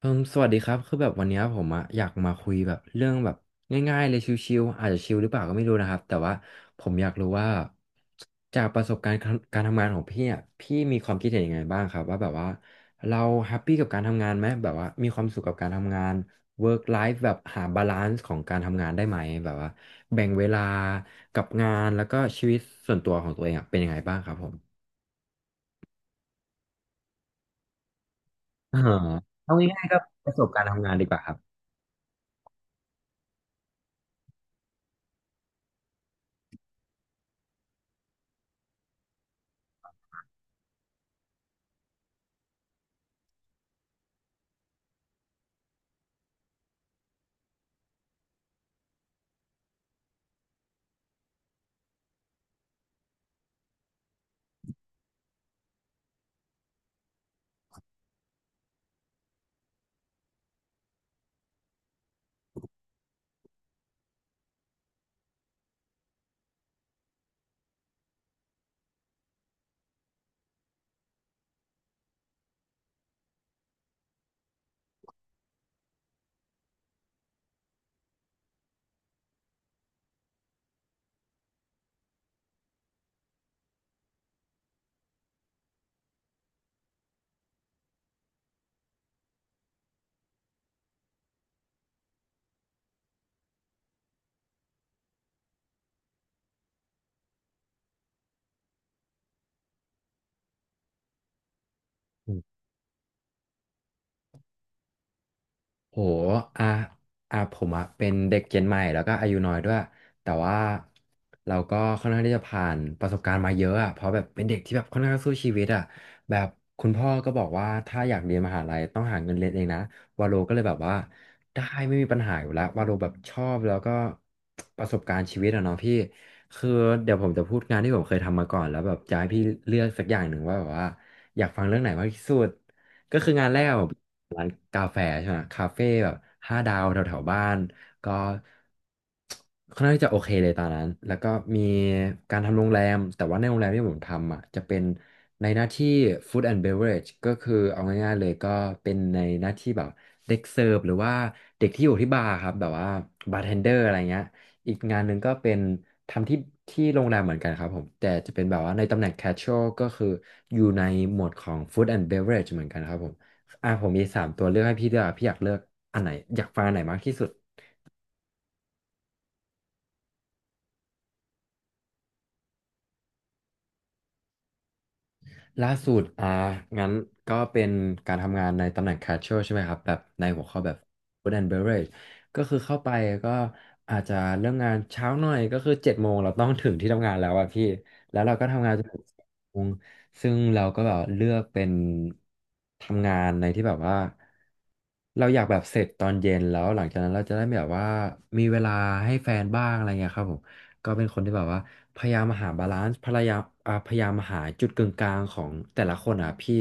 เอมสวัสดีครับคือแบบวันเนี้ยผมอะอยากมาคุยแบบเรื่องแบบง่ายๆเลยชิวๆอาจจะชิวหรือเปล่าก็ไม่รู้นะครับแต่ว่าผมอยากรู้ว่าจากประสบการณ์การทำงานของพี่อะพี่มีความคิดเห็นยังไงบ้างครับว่าแบบว่าเราแฮปปี้กับการทำงานไหมแบบว่ามีความสุขกับการทำงาน work life แบบหาบาลานซ์ของการทำงานได้ไหมแบบว่าแบ่งเวลากับงานแล้วก็ชีวิตส่วนตัวของตัวเองอะเป็นยังไงบ้างครับผมอ่าเอาง่ายๆก็ประสบการณ์ทำงานดีกว่าครับ โหอ่ะอ่ะผมอ่ะเป็นเด็กเจนใหม่แล้วก็อายุน้อยด้วยแต่ว่าเราก็ค่อนข้างที่จะผ่านประสบการณ์มาเยอะอ่ะเพราะแบบเป็นเด็กที่แบบค่อนข้างสู้ชีวิตอ่ะแบบคุณพ่อก็บอกว่าถ้าอยากเรียนมหาลัยต้องหาเงินเรียนเองนะวาโลก็เลยแบบว่าได้ไม่มีปัญหาอยู่แล้ววาโลแบบชอบแล้วก็ประสบการณ์ชีวิตอะเนาะพี่คือเดี๋ยวผมจะพูดงานที่ผมเคยทำมาก่อนแล้วแบบจะให้พี่เลือกสักอย่างหนึ่งว่าแบบว่าอยากฟังเรื่องไหนมากที่สุด ก็คืองานแรกแบบร้านกาแฟใช่ไหมคาเฟ่แบบ5 ดาวแถวๆบ้านก็ค่อนข้างที่จะโอเคเลยตอนนั้นแล้วก็มีการทำโรงแรมแต่ว่าในโรงแรมที่ผมทำอ่ะจะเป็นในหน้าที่ food and beverage ก็คือเอาง่ายๆเลยก็เป็นในหน้าที่แบบเด็กเสิร์ฟหรือว่าเด็กที่อยู่ที่บาร์ครับแบบว่าบาร์เทนเดอร์อะไรเงี้ย อีกงานหนึ่งก็เป็นทำที่โรงแรมเหมือนกันครับผมแต่จะเป็นแบบว่าในตำแหน่ง casual ก็คืออยู่ในหมวดของ food and beverage เหมือนกันครับผมผมมี3 ตัวเลือกให้พี่ด้วยอกพี่อยากเลือกอันไหนอยากฟังอันไหนมากที่สุด ล่าสุดอ่างั้นก็เป็นการทำงานในตำแหน่ง casual ใช่ไหมครับแบบในหัวข้อแบบ food and beverage ก็คือเข้าไปก็อาจจะเริ่มงานเช้าหน่อยก็คือเจ็ดโมงเราต้องถึงที่ทำงานแล้วอะพี่แล้วเราก็ทำงานจนถึงสองโมงซึ่งเราก็แบบเลือกเป็นทำงานในที่แบบว่าเราอยากแบบเสร็จตอนเย็นแล้วหลังจากนั้นเราจะได้แบบว่ามีเวลาให้แฟนบ้างอะไรเงี้ยครับผม ก็เป็นคนที่แบบว่าพยายามหาบาลานซ์พยายามหาจุดกึ่งกลางของแต่ละคนอ่ะพี่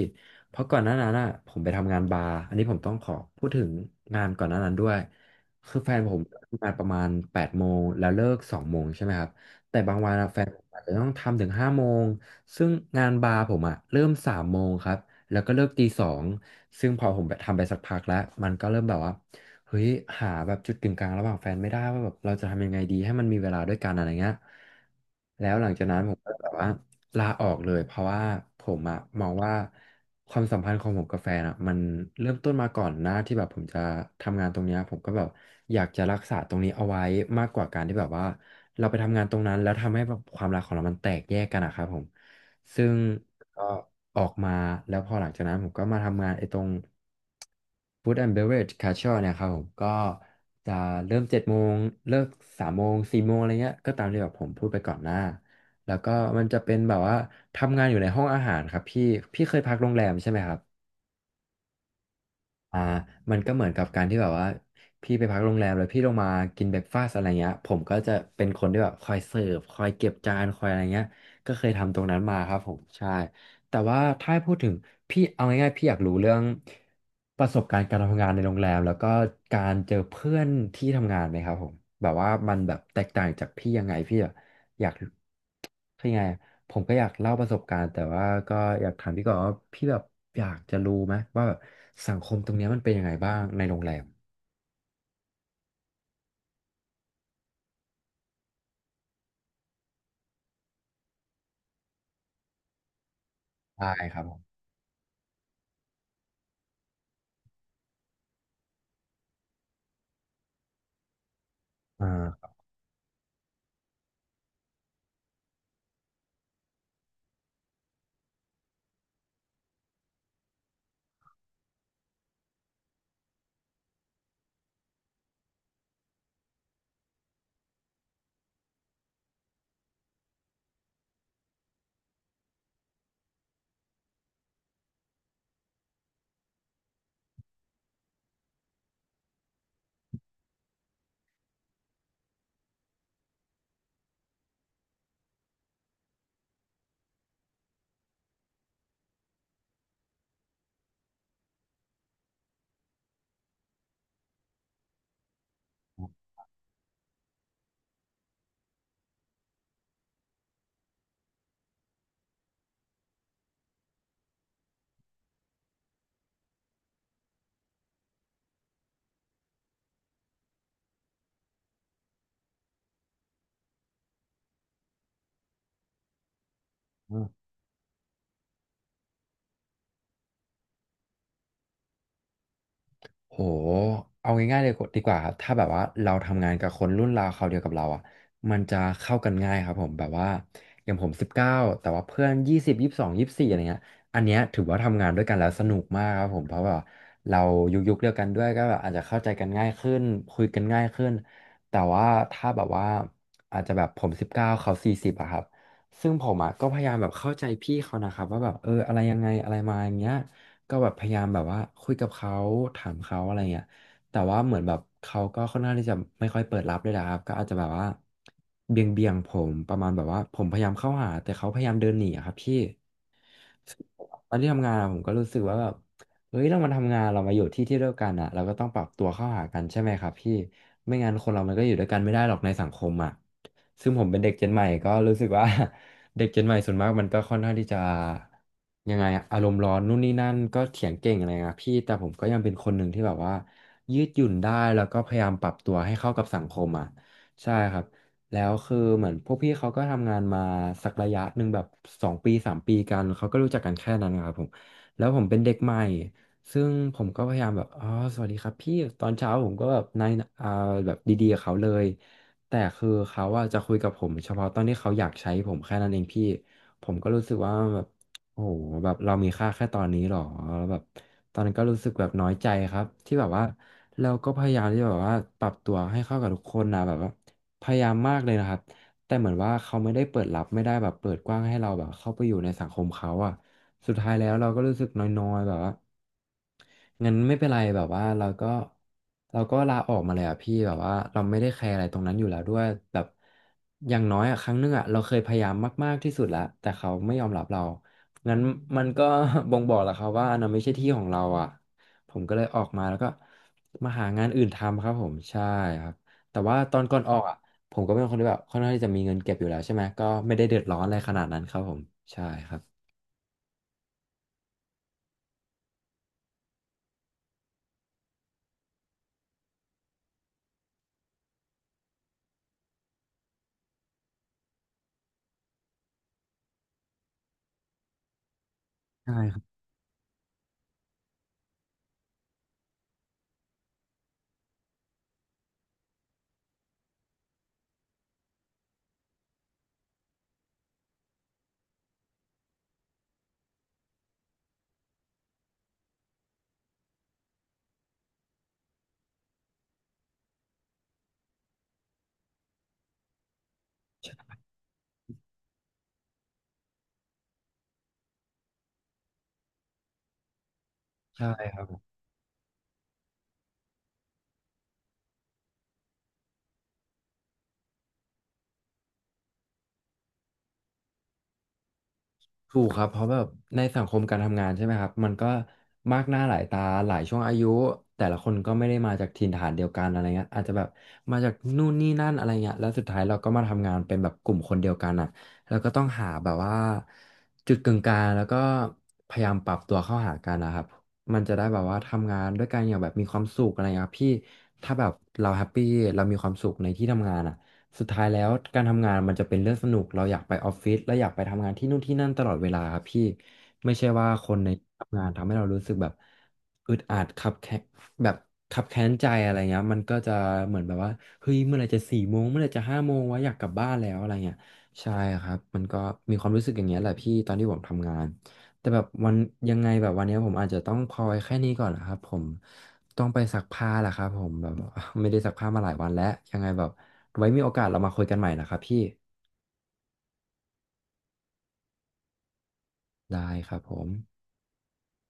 เพราะก่อนหน้านั้นอ่ะผมไปทำงานบาร์อันนี้ผมต้องขอพูดถึงงานก่อนหน้านั้นด้วยคือแฟนผมทำงานประมาณ8 โมงแล้วเลิกสองโมงใช่ไหมครับแต่บางวันอะแฟนผมอาจจะต้องทำถึง5 โมงซึ่งงานบาร์ผมอ่ะเริ่มสามโมงครับแล้วก็เลิกตี 2ซึ่งพอผมไปทำไปสักพักแล้วมันก็เริ่มแบบว่า เฮ้ยหาแบบจุดกึ่งกลางระหว่างแฟนไม่ได้ว่าแบบเราจะทำยังไงดีให้มันมีเวลาด้วยกันอะไรเงี้ยแล้วหลังจากนั้นผมก็แบบว่าลาออกเลยเพราะว่าผมอะมองว่าความสัมพันธ์ของผมกับแฟนอะมันเริ่มต้นมาก่อนหน้าที่แบบผมจะทำงานตรงเนี้ยผมก็แบบอยากจะรักษาตรงนี้เอาไว้มากกว่าการที่แบบว่าเราไปทำงานตรงนั้นแล้วทำให้แบบความรักของเรามันแตกแยกกันอะครับผม ซึ่งก็ออกมาแล้วพอหลังจากนั้นผมก็มาทำงานไอ้ตรง Food and Beverage Casual เนี่ยครับผมก็จะเริ่มเจ็ดโมงเลิก3 โมง 4 โมงอะไรเงี้ยก็ตามที่แบบผมพูดไปก่อนหน้าแล้วก็มันจะเป็นแบบว่าทำงานอยู่ในห้องอาหารครับพี่พี่เคยพักโรงแรมใช่ไหมครับ อ่ามันก็เหมือนกับการที่แบบว่าพี่ไปพักโรงแรมแล้วพี่ลงมากินเบรกฟาสต์อะไรเงี้ยผมก็จะเป็นคนที่แบบคอยเสิร์ฟคอยเก็บจานคอยอะไรเงี้ยก็เคยทำตรงนั้นมาครับผมใช่แต่ว่าถ้าให้พูดถึงพี่เอาง่ายๆพี่อยากรู้เรื่องประสบการณ์การทำงานในโรงแรมแล้วก็การเจอเพื่อนที่ทำงานไหมครับผมแบบว่ามันแบบแตกต่างจากพี่ยังไงพี่อะอยาก คือยังไงอะผมก็อยากเล่าประสบการณ์แต่ว่าก็อยากถามพี่ก่อนว่าพี่แบบอยากจะรู้ไหมว่าแบบสังคมตรงเนี้ยมันเป็นยังไงบ้างในโรงแรมได้ครับผมอ่า โหเอาง่ายๆเลยดีกว่าครับ ถ้าแบบว่าเราทำงานกับคนรุ่นราวคราวเดียวกับเราอ่ะมันจะเข้ากันง่ายครับผมแบบว่าอย่างผมสิบเก้าแต่ว่าเพื่อน20 22 24อะไรเงี้ยอันเนี้ยถือว่าทำงานด้วยกันแล้วสนุกมากครับผมเพราะแบบเรายุคเดียวกันด้วยก็แบบอาจจะเข้าใจกันง่ายขึ้นคุยกันง่ายขึ้น แต่ว่าถ้าแบบว่าอาจจะแบบผมสิบเก้าเขา40อะครับซึ่งผมอะก็พยายามแบบเข้าใจพี่เขานะครับว่าแบบเอออะไรยังไงอะไรมาอย่างเงี้ย ก็แบบพยายามแบบว่าคุยกับเขาถามเขาอะไรเงี้ยแต่ว่าเหมือนแบบเขาก็ค่อนข้างที่จะไม่ค่อยเปิดรับเลยนะครับก็อาจจะแบบว่าเบี่ยงผมประมาณแบบว่าผมพยายามเข้าหาแต่เขาพยายามเดินหนีอะครับพี่ ตอนที่ทำงานอะผมก็รู้สึกว่าแบบเฮ้ยเรามาทำงานเรามาอยู่ที่ที่เดียวกันอ่ะเราก็ต้องปรับตัวเข้าหากันใช่ไหมครับพี่ไม่งั้นคนเรามันก็อยู่ด้วยกันไม่ได้หรอกในสังคมอ่ะซึ่งผมเป็นเด็กเจนใหม่ก็รู้สึกว่า เด็กเจนใหม่ส่วนมากมันก็ค่อนข้างที่จะยังไงอะอารมณ์ร้อนนู่นนี่นั่นก็เถียงเก่งอะไรนะพี่แต่ผมก็ยังเป็นคนหนึ่งที่แบบว่ายืดหยุ่นได้แล้วก็พยายามปรับตัวให้เข้ากับสังคมอ่ะใช่ครับ แล้วคือเหมือนพวกพี่เขาก็ทำงานมาสักระยะหนึ่งแบบ2 ปี 3 ปีกันเขาก็รู้จักกันแค่นั้นครับผมแล้วผมเป็นเด็กใหม่ซึ่งผมก็พยายามแบบอ๋อสวัสดีครับพี่ตอนเช้าผมก็แบบในายอ่าแบบดีๆกับเขาเลยแต่คือเขาอะจะคุยกับผมเฉพาะตอนที่เขาอยากใช้ผมแค่นั้นเองพี่ผมก็รู้สึกว่าแบบโอ้โหแบบเรามีค่าแค่ตอนนี้หรอแล้วแบบตอนนั้นก็รู้สึกแบบน้อยใจครับที่แบบว่าเราก็พยายามที่แบบว่าปรับตัวให้เข้ากับทุกคนนะแบบว่า พยายามมากเลยนะครับ แต่เหมือนว่าเขาไม่ได้เปิดรับไม่ได้แบบเปิดกว้างให้เราแบบเข้าไปอยู่ในสังคมเขาอะสุดท้ายแล้วเราก็รู้สึกน้อยๆแบบว่างั้นไม่เป็นไรแบบว่าเราก็ลาออกมาเลยอะพี่แบบว่าเราไม่ได้แคร์อะไรตรงนั้นอยู่แล้วด้วยแบบอย่างน้อยอะครั้งหนึงอะเราเคยพยายามมากๆที่สุดแล้วแต่เขาไม่ยอมรับเรา งั้นมันก็ บ่งบอกแล้วครับว่าอันนั้นไม่ใช่ที่ของเราอะผมก็เลยออกมาแล้วก็มาหางานอื่นทำครับผมใช่ครับแต่ว่าตอนก่อนออกอะ ผมก็เป็นคนที่แบบค่อนข้างที่จะมีเงินเก็บอยู่แล้วใช่ไหมก็ไม่ได้เดือดร้อนอะไรขนาดนั้นครับผมใช่ครับใช่ครับใช่ ถูกครับเพราะแบบในสังคมการทำงานใช่ไหมครับมันก็มากหน้าหลายตาหลายช่วงอายุแต่ละคนก็ไม่ได้มาจากถิ่นฐานเดียวกันอะไรเงี้ยอาจจะแบบมาจากนู่นนี่นั่นอะไรเงี้ยแล้วสุดท้ายเราก็มาทำงานเป็นแบบกลุ่มคนเดียวกันอ่ะแล้วก็ต้องหาแบบว่าจุดกึ่งกลางแล้วก็พยายามปรับตัวเข้าหากันนะครับมันจะได้แบบว่าทำงานด้วยกันอย่างแบบมีความสุขอะไรเงี้ยครับพี่ถ้าแบบเราแฮปปี้เรามีความสุขในที่ทำงานอ่ะ สุดท้ายแล้วการทำงานมันจะเป็นเรื่องสนุกเราอยากไปออฟฟิศเราอยากไปทำงานที่นู่นที่นั่นตลอดเวลาครับพี่ไม่ใช่ว่าคนในที่ทำงานทำให้เรารู้สึกแบบอึดอัดคับแค้นแบบคับแค้นใจอะไรเงี้ยมันก็จะเหมือนแบบว่าเฮ้ยเมื่อไหร่จะ4 โมงเมื่อไหร่จะ5 โมงวะอยากกลับบ้านแล้วอะไรเงี้ยใช่ครับมันก็มีความรู้สึกอย่างเงี้ยแหละพี่ตอนที่ผมทำงานแต่แบบวันยังไงแบบวันเนี้ยผมอาจจะต้องพอไว้แค่นี้ก่อนนะครับผมต้องไปซักผ้าแหละครับผมแบบ ไม่ได้ซักผ้ามาหลายวันแล้วยังไงแบบ ไว้มีโอกาสเรามาคุยกันใหม่นะครับพี่ได้ครับผม